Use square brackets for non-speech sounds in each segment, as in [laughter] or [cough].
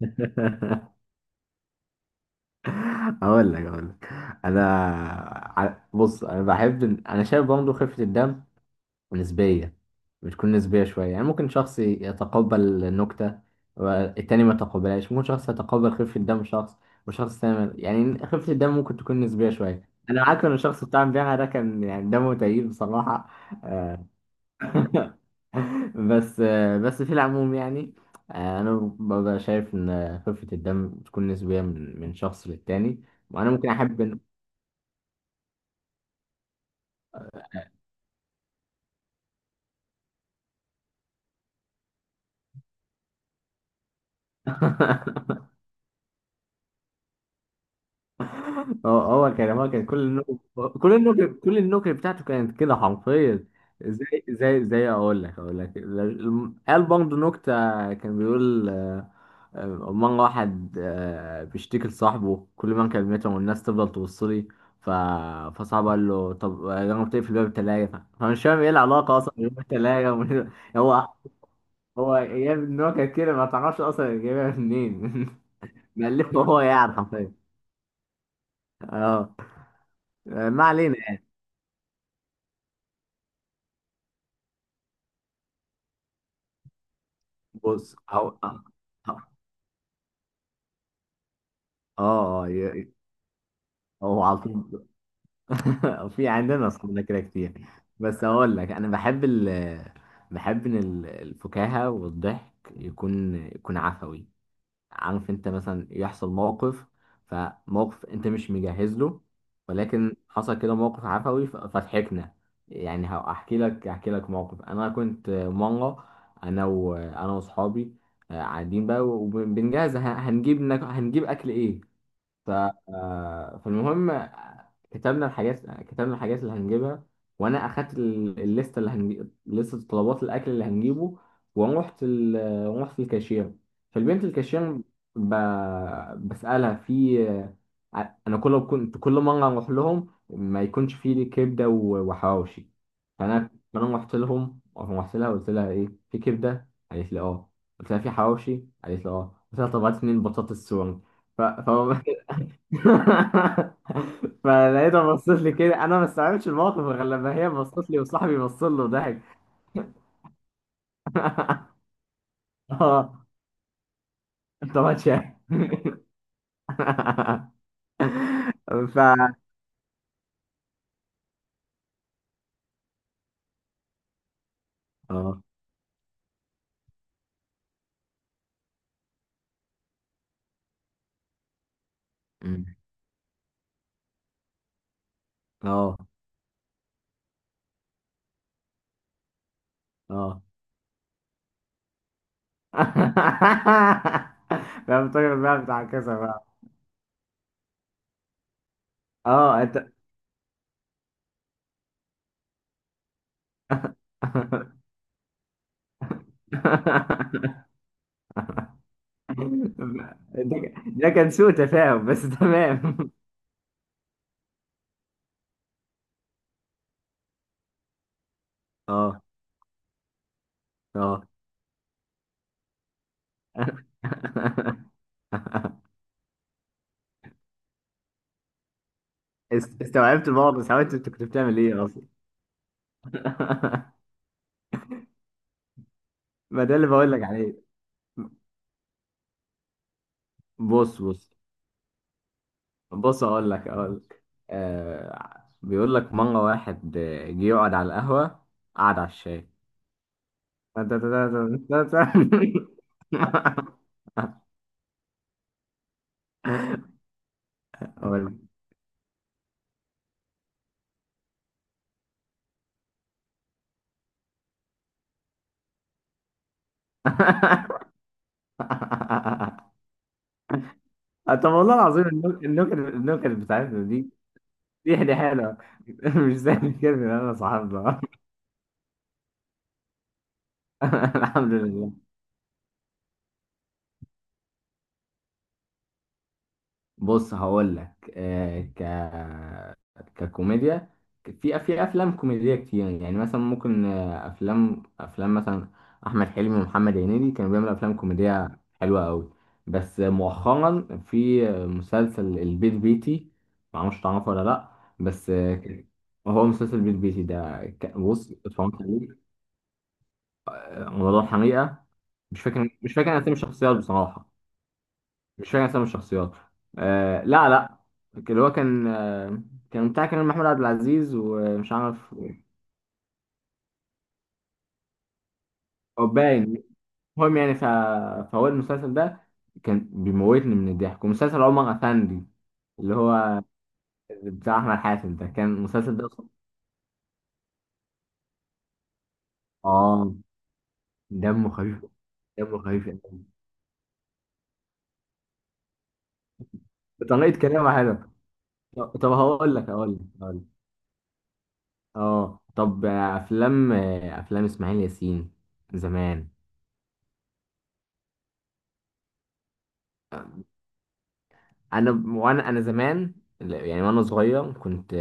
[laughs] اقول لك انا بص انا بحب انا شايف برضه خفه الدم نسبيه. بتكون نسبيه شويه، يعني ممكن شخص يتقبل النكته والتاني ما يتقبلهاش، ممكن شخص يتقبل خفه الدم شخص، وشخص تاني يعني خفه الدم ممكن تكون نسبيه شويه. انا معاك ان الشخص بتاع امبارح ده كان يعني دمه تقيل بصراحه. آه. [laughs] بس بس في العموم يعني انا ببقى شايف ان خفة الدم بتكون نسبية من شخص للتاني. وانا ممكن احب [laughs] هو هو كان كل النكت بتاعته كانت كده حرفيا. زي اقول لك قال برضه نكتة. كان بيقول آه، مرة واحد بيشتكي لصاحبه، كل ما كلمته والناس تفضل تبص لي. ف... فصاحبه قال له طب جرب تقفل باب التلاجة. فمش فاهم ايه العلاقة اصلا بين باب التلاجة هو هو جاب النكت كده، ما تعرفش اصلا جايبها منين. [laughs] مألفه هو يعني حرفيا. اه. آه، ما علينا. بص، هو. اه. اه. آه، آه، ي- هو على طول. [laughs] في عندنا اصحابنا كده كتير. بس اقول لك، انا بحب ان الفكاهة والضحك يكون عفوي. عارف انت، مثلا يحصل موقف، فموقف انت مش مجهز له، ولكن حصل كده موقف عفوي فضحكنا. يعني هحكي لك احكي لك موقف. انا كنت مرة، انا واصحابي، قاعدين بقى وبنجهز هنجيب اكل ايه. ف... آه، فالمهم كتبنا الحاجات اللي هنجيبها. وانا اخدت الليسته، اللي هنجيب لسته طلبات الاكل اللي هنجيبه. ورحت رحت الكاشير. فالبنت الكاشير ب... بسالها، في انا كنت كل مره اروح لهم ما يكونش في كبده و- وحواوشي. فانا رحت لها قلت لها ايه في كبده، قالت لي اه، قلت لها في حواوشي، قالت لي اه، قلت لها طب هات 2 بطاطس سوري. ف... ف... [laughs] فلقيتها بصت لي كده، انا ما استوعبتش الموقف غير لما هي بصت لي وصاحبي بص له ضحك. [laughs] اه، انت ما شايف. [laughs] ف اه أمم. اه. اه. [laughs] لا، بتفكر بقى بتاع كذا بقى. اه انت. [laughs] ده كان سوء تفاهم بس، تمام. اه. اه. [laughs] استوعبت بعض، بس حاولت انت كنت بتعمل ايه اصلا؟ [laughs] ما ده اللي بقول لك عليه. بص بص بص اقول لك. بيقول لك مره واحد جه يقعد على القهوه، قعد على الشاي. [laughs] أقول لك. [laughs] طب والله العظيم، النكت بتاعتنا دي. دي حاجة حلوه. [laughs] مش زي الكلمه اللي انا صاحبها. [laughs] الحمد لله. بص، هقول لك آه ك ككوميديا، في افلام كوميديه كتير. يعني مثلا ممكن افلام مثلا احمد حلمي ومحمد هنيدي كانوا بيعملوا افلام كوميديه حلوه قوي. بس مؤخرا في مسلسل البيت بيتي، معرفش تعرفه ولا لا؟ بس هو مسلسل البيت بيتي ده، بص، اتفرجت عليه. موضوع حقيقه. مش فاكر اسامي الشخصيات بصراحه. مش فاكر اسامي الشخصيات. آه. لا لا. اللي هو كان كان بتاع كريم محمود عبد العزيز ومش عارف. هو باين. المهم يعني، فهو المسلسل ده كان بيموتني من الضحك، ومسلسل عمر افندي اللي هو بتاع احمد حاتم ده. كان المسلسل ده اه. دمه خفيف. دمه خفيف أوي. بطريقه كلامه حلوه. طب هقول لك. اه، طب افلام افلام اسماعيل ياسين زمان. انا انا زمان يعني، وانا صغير، كنت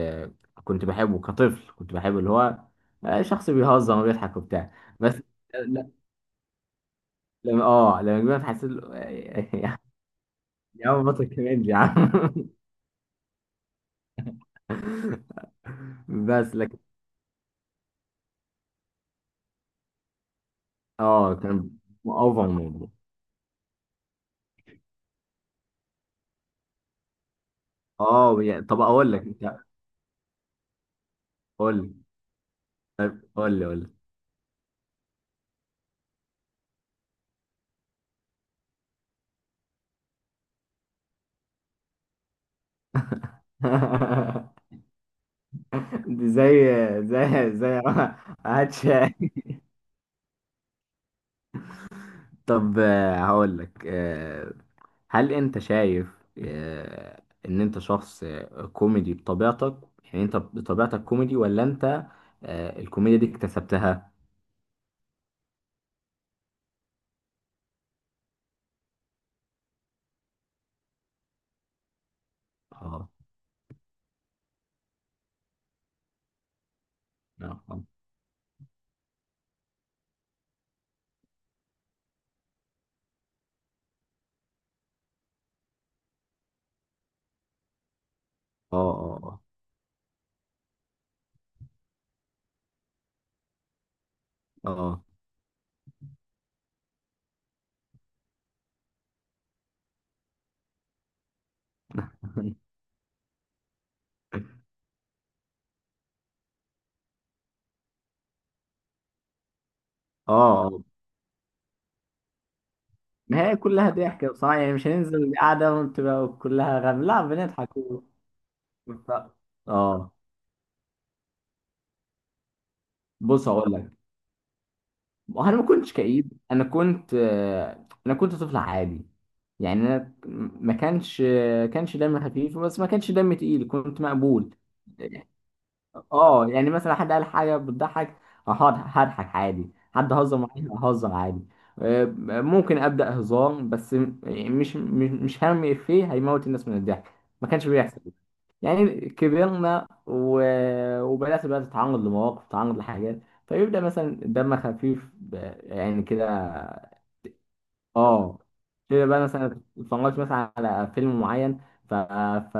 كنت بحبه كطفل. كنت بحبه اللي هو شخص بيهزر وبيضحك وبتاع. بس لا- لما كبرت، حسيت [laughs] يا عم بطل كوميدي يا عم. [laughs] بس لكن اه، كان اوفر الموضوع. اه، يعني طب اقول لك انت. قول لي. طيب قول لي [laughs] دي زي. زي. [laughs] هاتش. طب هقول لك هل انت شايف ان انت شخص كوميدي بطبيعتك؟ يعني انت بطبيعتك كوميدي، ولا انت الكوميديا دي اكتسبتها؟ اه. اه. اه. اه. اه. اه. آه. ما هي كلها ضحك بصراحة، يعني مش هننزل قاعدة وتبقى كلها غم، لا، بنضحك ف- اه. بص هقول لك، انا ما كنتش كئيب. انا كنت انا كنت طفل عادي يعني. انا ما كانش دمي خفيف بس ما كانش دمي تقيل، كنت مقبول. اه، يعني مثلا حد قال حاجه بتضحك، هقعد هضحك عادي، حد هزر معايا ههزر عادي. آه، ممكن ابدا هزار، بس مش هرمي افيه هيموت الناس من الضحك. ما كانش بيحصل. يعني كبرنا وبدات بقى تتعرض لمواقف، تتعرض لحاجات، فيبدا مثلا دم خفيف يعني كده. اه، كده بقى مثلا اتفرجت مثلا على فيلم معين، ف... ف...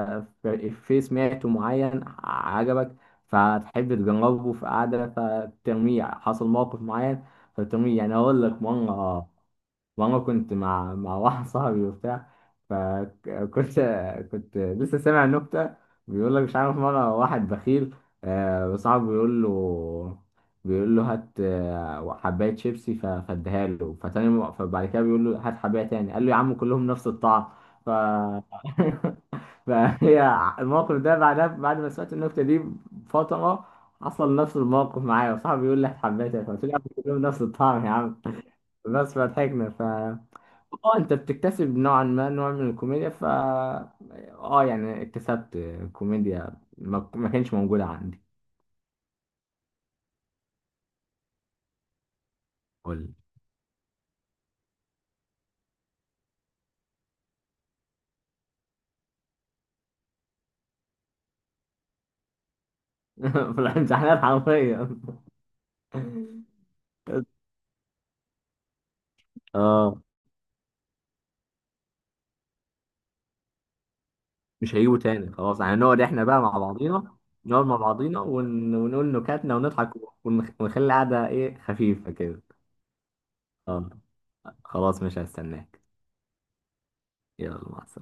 في سمعته معين عجبك، فتحب تجربه في قعدة فترميه، حصل موقف معين فترميه. يعني أقول لك مرة، ماما كنت مع واحد صاحبي وبتاع، فكنت لسه سامع نكتة. بيقول لك مش عارف، مرة واحد بخيل، صاحبه بيقول له هات حباية شيبسي فاديها له. فتاني فبعد كده بيقول له هات حباية تاني، قال له يا عم كلهم نفس الطعم. ف [laughs] فهي الموقف ده بعدها، بعد ما سمعت النكتة دي بفترة، حصل نفس الموقف معايا. وصاحبي بيقول لي هات حباية تاني، فقلت له يا عم كلهم نفس الطعم يا عم، بس فضحكنا. اه، انت بتكتسب نوعا ما نوع من الكوميديا. اه، يعني اكتسبت كوميديا ما, ما كانش موجودة عندي. قول. [laughs] في الامتحانات حرفيا. اه، مش هيجيبوا تاني خلاص. يعني نقعد احنا بقى مع بعضينا. نقعد مع بعضينا ونقول نكاتنا ونضحك. ونخلي القعدة ايه خفيفة كده. اه، خلاص مش هستناك. يلا مع السلامة.